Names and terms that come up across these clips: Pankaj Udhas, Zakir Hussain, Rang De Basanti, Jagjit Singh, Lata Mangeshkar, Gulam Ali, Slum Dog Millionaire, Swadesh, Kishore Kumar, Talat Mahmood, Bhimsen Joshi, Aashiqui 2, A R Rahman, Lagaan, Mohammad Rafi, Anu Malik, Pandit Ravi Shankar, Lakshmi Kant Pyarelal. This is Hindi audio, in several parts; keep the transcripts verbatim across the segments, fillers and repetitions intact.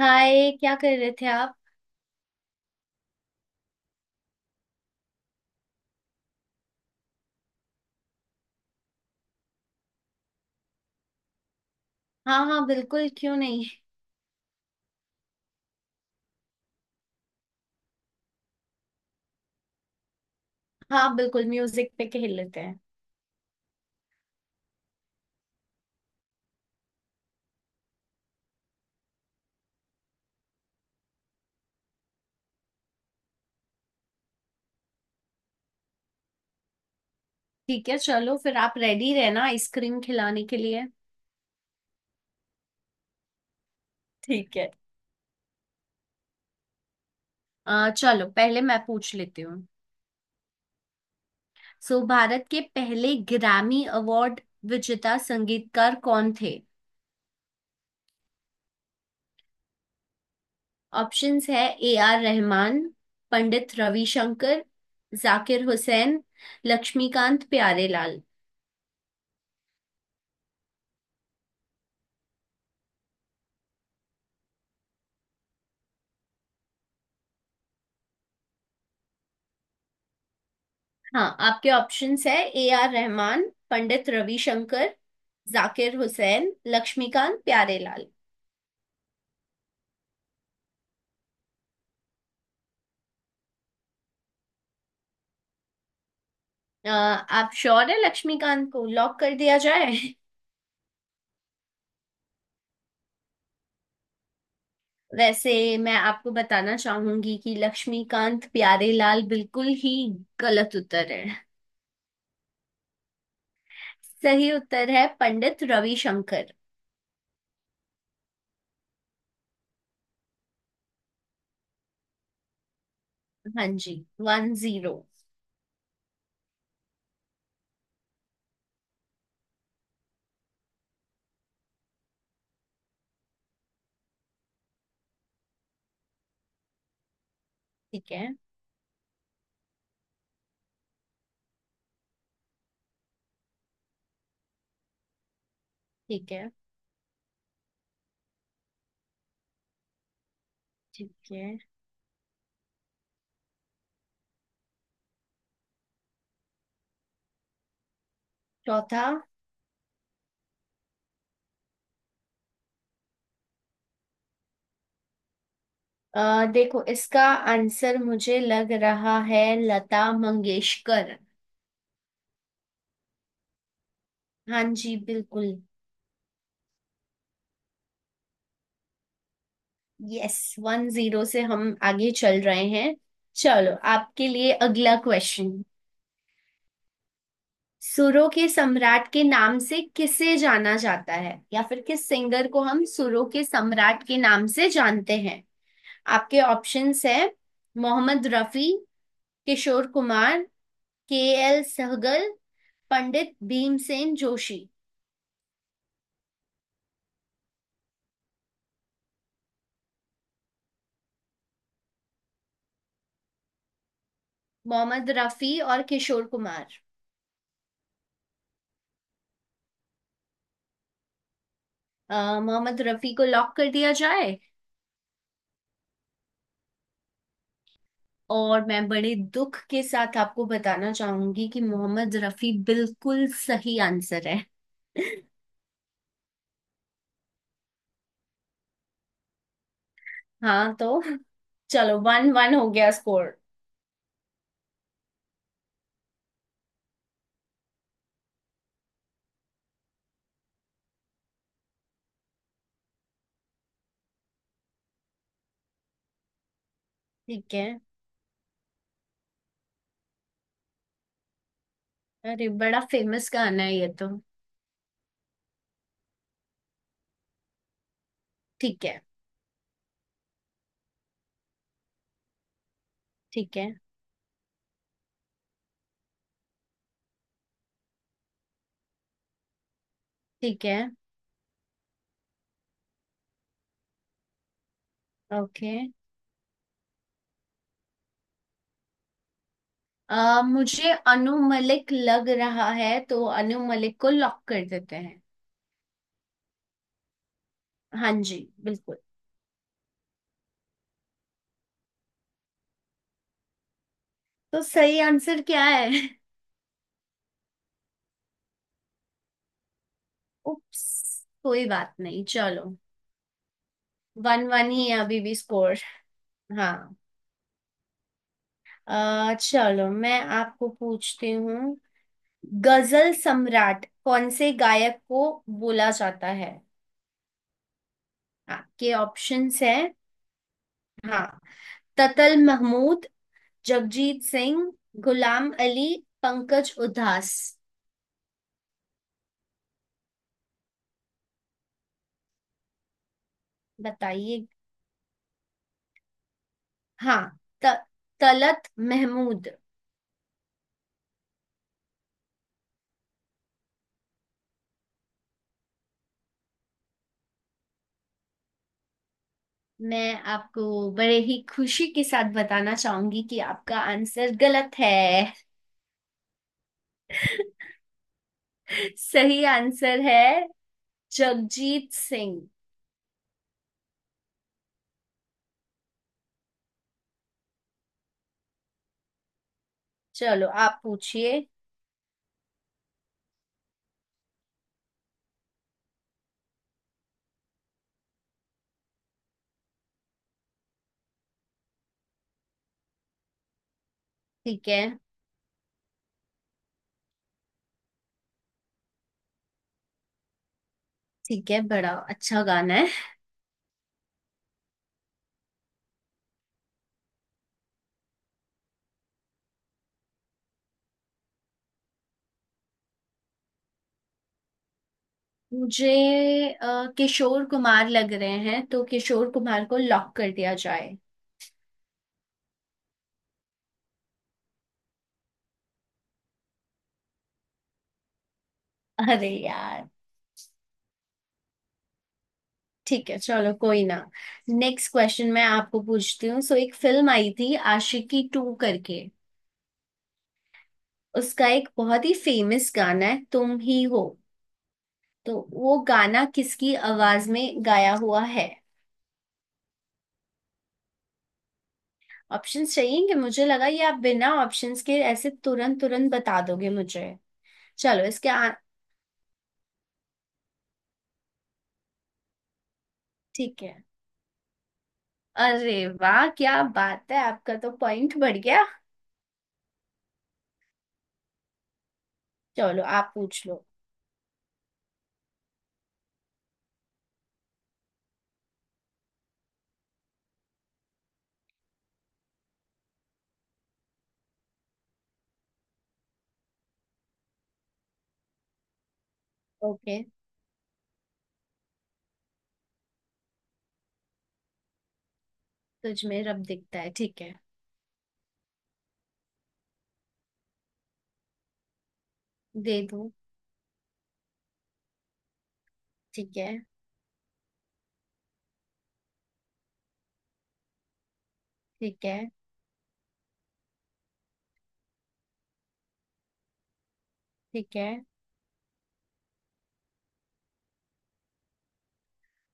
हाय क्या कर रहे थे आप। हाँ हाँ बिल्कुल क्यों नहीं। हाँ बिल्कुल म्यूजिक पे खेल लेते हैं। ठीक है, चलो फिर आप रेडी रहना आइसक्रीम खिलाने के लिए। ठीक है। आ, चलो पहले मैं पूछ लेती हूँ। सो भारत के पहले ग्रैमी अवार्ड विजेता संगीतकार कौन थे। ऑप्शंस है ए आर रहमान, पंडित रविशंकर, जाकिर हुसैन, लक्ष्मीकांत प्यारेलाल। हाँ, आपके ऑप्शंस है ए आर रहमान, पंडित रविशंकर, जाकिर हुसैन, लक्ष्मीकांत प्यारेलाल। अ, आप श्योर है लक्ष्मीकांत को लॉक कर दिया जाए? वैसे मैं आपको बताना चाहूंगी कि लक्ष्मीकांत प्यारेलाल बिल्कुल ही गलत उत्तर है। सही उत्तर है पंडित रविशंकर। हाँ जी। One zero. ठीक है। ठीक है। ठीक है। चौथा। अ, देखो इसका आंसर मुझे लग रहा है लता मंगेशकर। हाँ जी बिल्कुल। यस, वन जीरो से हम आगे चल रहे हैं। चलो आपके लिए अगला क्वेश्चन। सुरों के सम्राट के नाम से किसे जाना जाता है या फिर किस सिंगर को हम सुरों के सम्राट के नाम से जानते हैं। आपके ऑप्शंस है मोहम्मद रफी, किशोर कुमार, के एल सहगल, पंडित भीमसेन जोशी। मोहम्मद रफी और किशोर कुमार। अ, मोहम्मद रफी को लॉक कर दिया जाए। और मैं बड़े दुख के साथ आपको बताना चाहूंगी कि मोहम्मद रफी बिल्कुल सही आंसर है। हाँ तो। चलो वन वन हो गया स्कोर। ठीक है। अरे बड़ा फेमस गाना है ये तो। ठीक है। ठीक है। ठीक है। ओके। आ, मुझे अनु मलिक लग रहा है तो अनु मलिक को लॉक कर देते हैं। हाँ जी बिल्कुल। तो सही आंसर क्या है? उप्स। कोई बात नहीं, चलो। वन वन ही है अभी भी स्कोर। हाँ। अ, चलो मैं आपको पूछती हूँ। गजल सम्राट कौन से गायक को बोला जाता है। आपके ऑप्शंस है। हाँ, ततल महमूद, जगजीत सिंह, गुलाम अली, पंकज उधास। बताइए। हाँ। त, तलत महमूद। मैं आपको बड़े ही खुशी के साथ बताना चाहूंगी कि आपका आंसर गलत है। सही आंसर है जगजीत सिंह। चलो आप पूछिए। ठीक है। ठीक है, बड़ा अच्छा गाना है। मुझे अ, किशोर कुमार लग रहे हैं तो किशोर कुमार को लॉक कर दिया जाए। अरे यार। ठीक है, चलो कोई ना। नेक्स्ट क्वेश्चन मैं आपको पूछती हूँ। सो एक फिल्म आई थी आशिकी टू करके। उसका एक बहुत ही फेमस गाना है तुम ही हो। तो वो गाना किसकी आवाज में गाया हुआ है। ऑप्शंस चाहिएंगे, मुझे लगा ये आप बिना ऑप्शंस के ऐसे तुरंत तुरंत बता दोगे मुझे। चलो इसके आ... ठीक है। अरे वाह क्या बात है, आपका तो पॉइंट बढ़ गया। चलो आप पूछ लो। ओके। तुझ में रब दिखता है, ठीक है। दे दो। ठीक है। ठीक है। ठीक है।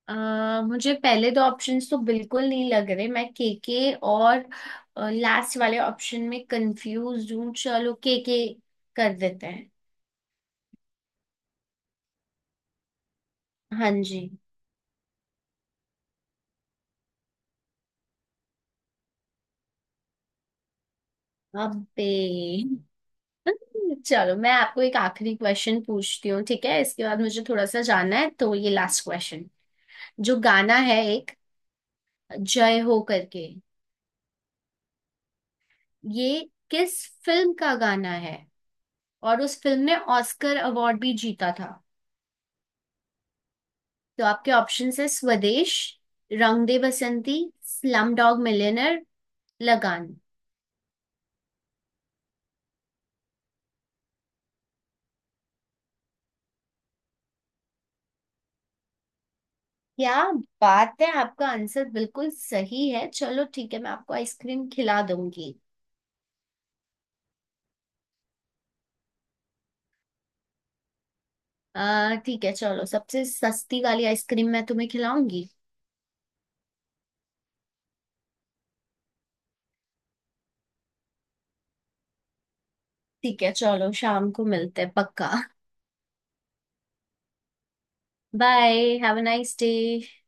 आ, मुझे पहले दो ऑप्शंस तो बिल्कुल नहीं लग रहे। मैं केके और लास्ट वाले ऑप्शन में कंफ्यूज हूँ। चलो केके कर देते हैं। हाँ जी। अबे हम्म, चलो मैं आपको एक आखिरी क्वेश्चन पूछती हूँ, ठीक है? इसके बाद मुझे थोड़ा सा जानना है, तो ये लास्ट क्वेश्चन। जो गाना है एक जय हो करके, ये किस फिल्म का गाना है। और उस फिल्म ने ऑस्कर अवार्ड भी जीता था। तो आपके ऑप्शंस है Swades, Rang De Basanti, Slumdog Millionaire, Lagaan. क्या बात है, आपका आंसर बिल्कुल सही है। चलो ठीक है, मैं आपको आइसक्रीम खिला दूंगी। आ ठीक है, चलो सबसे सस्ती वाली आइसक्रीम मैं तुम्हें खिलाऊंगी। ठीक है, चलो शाम को मिलते हैं पक्का। Bye. Have a nice day.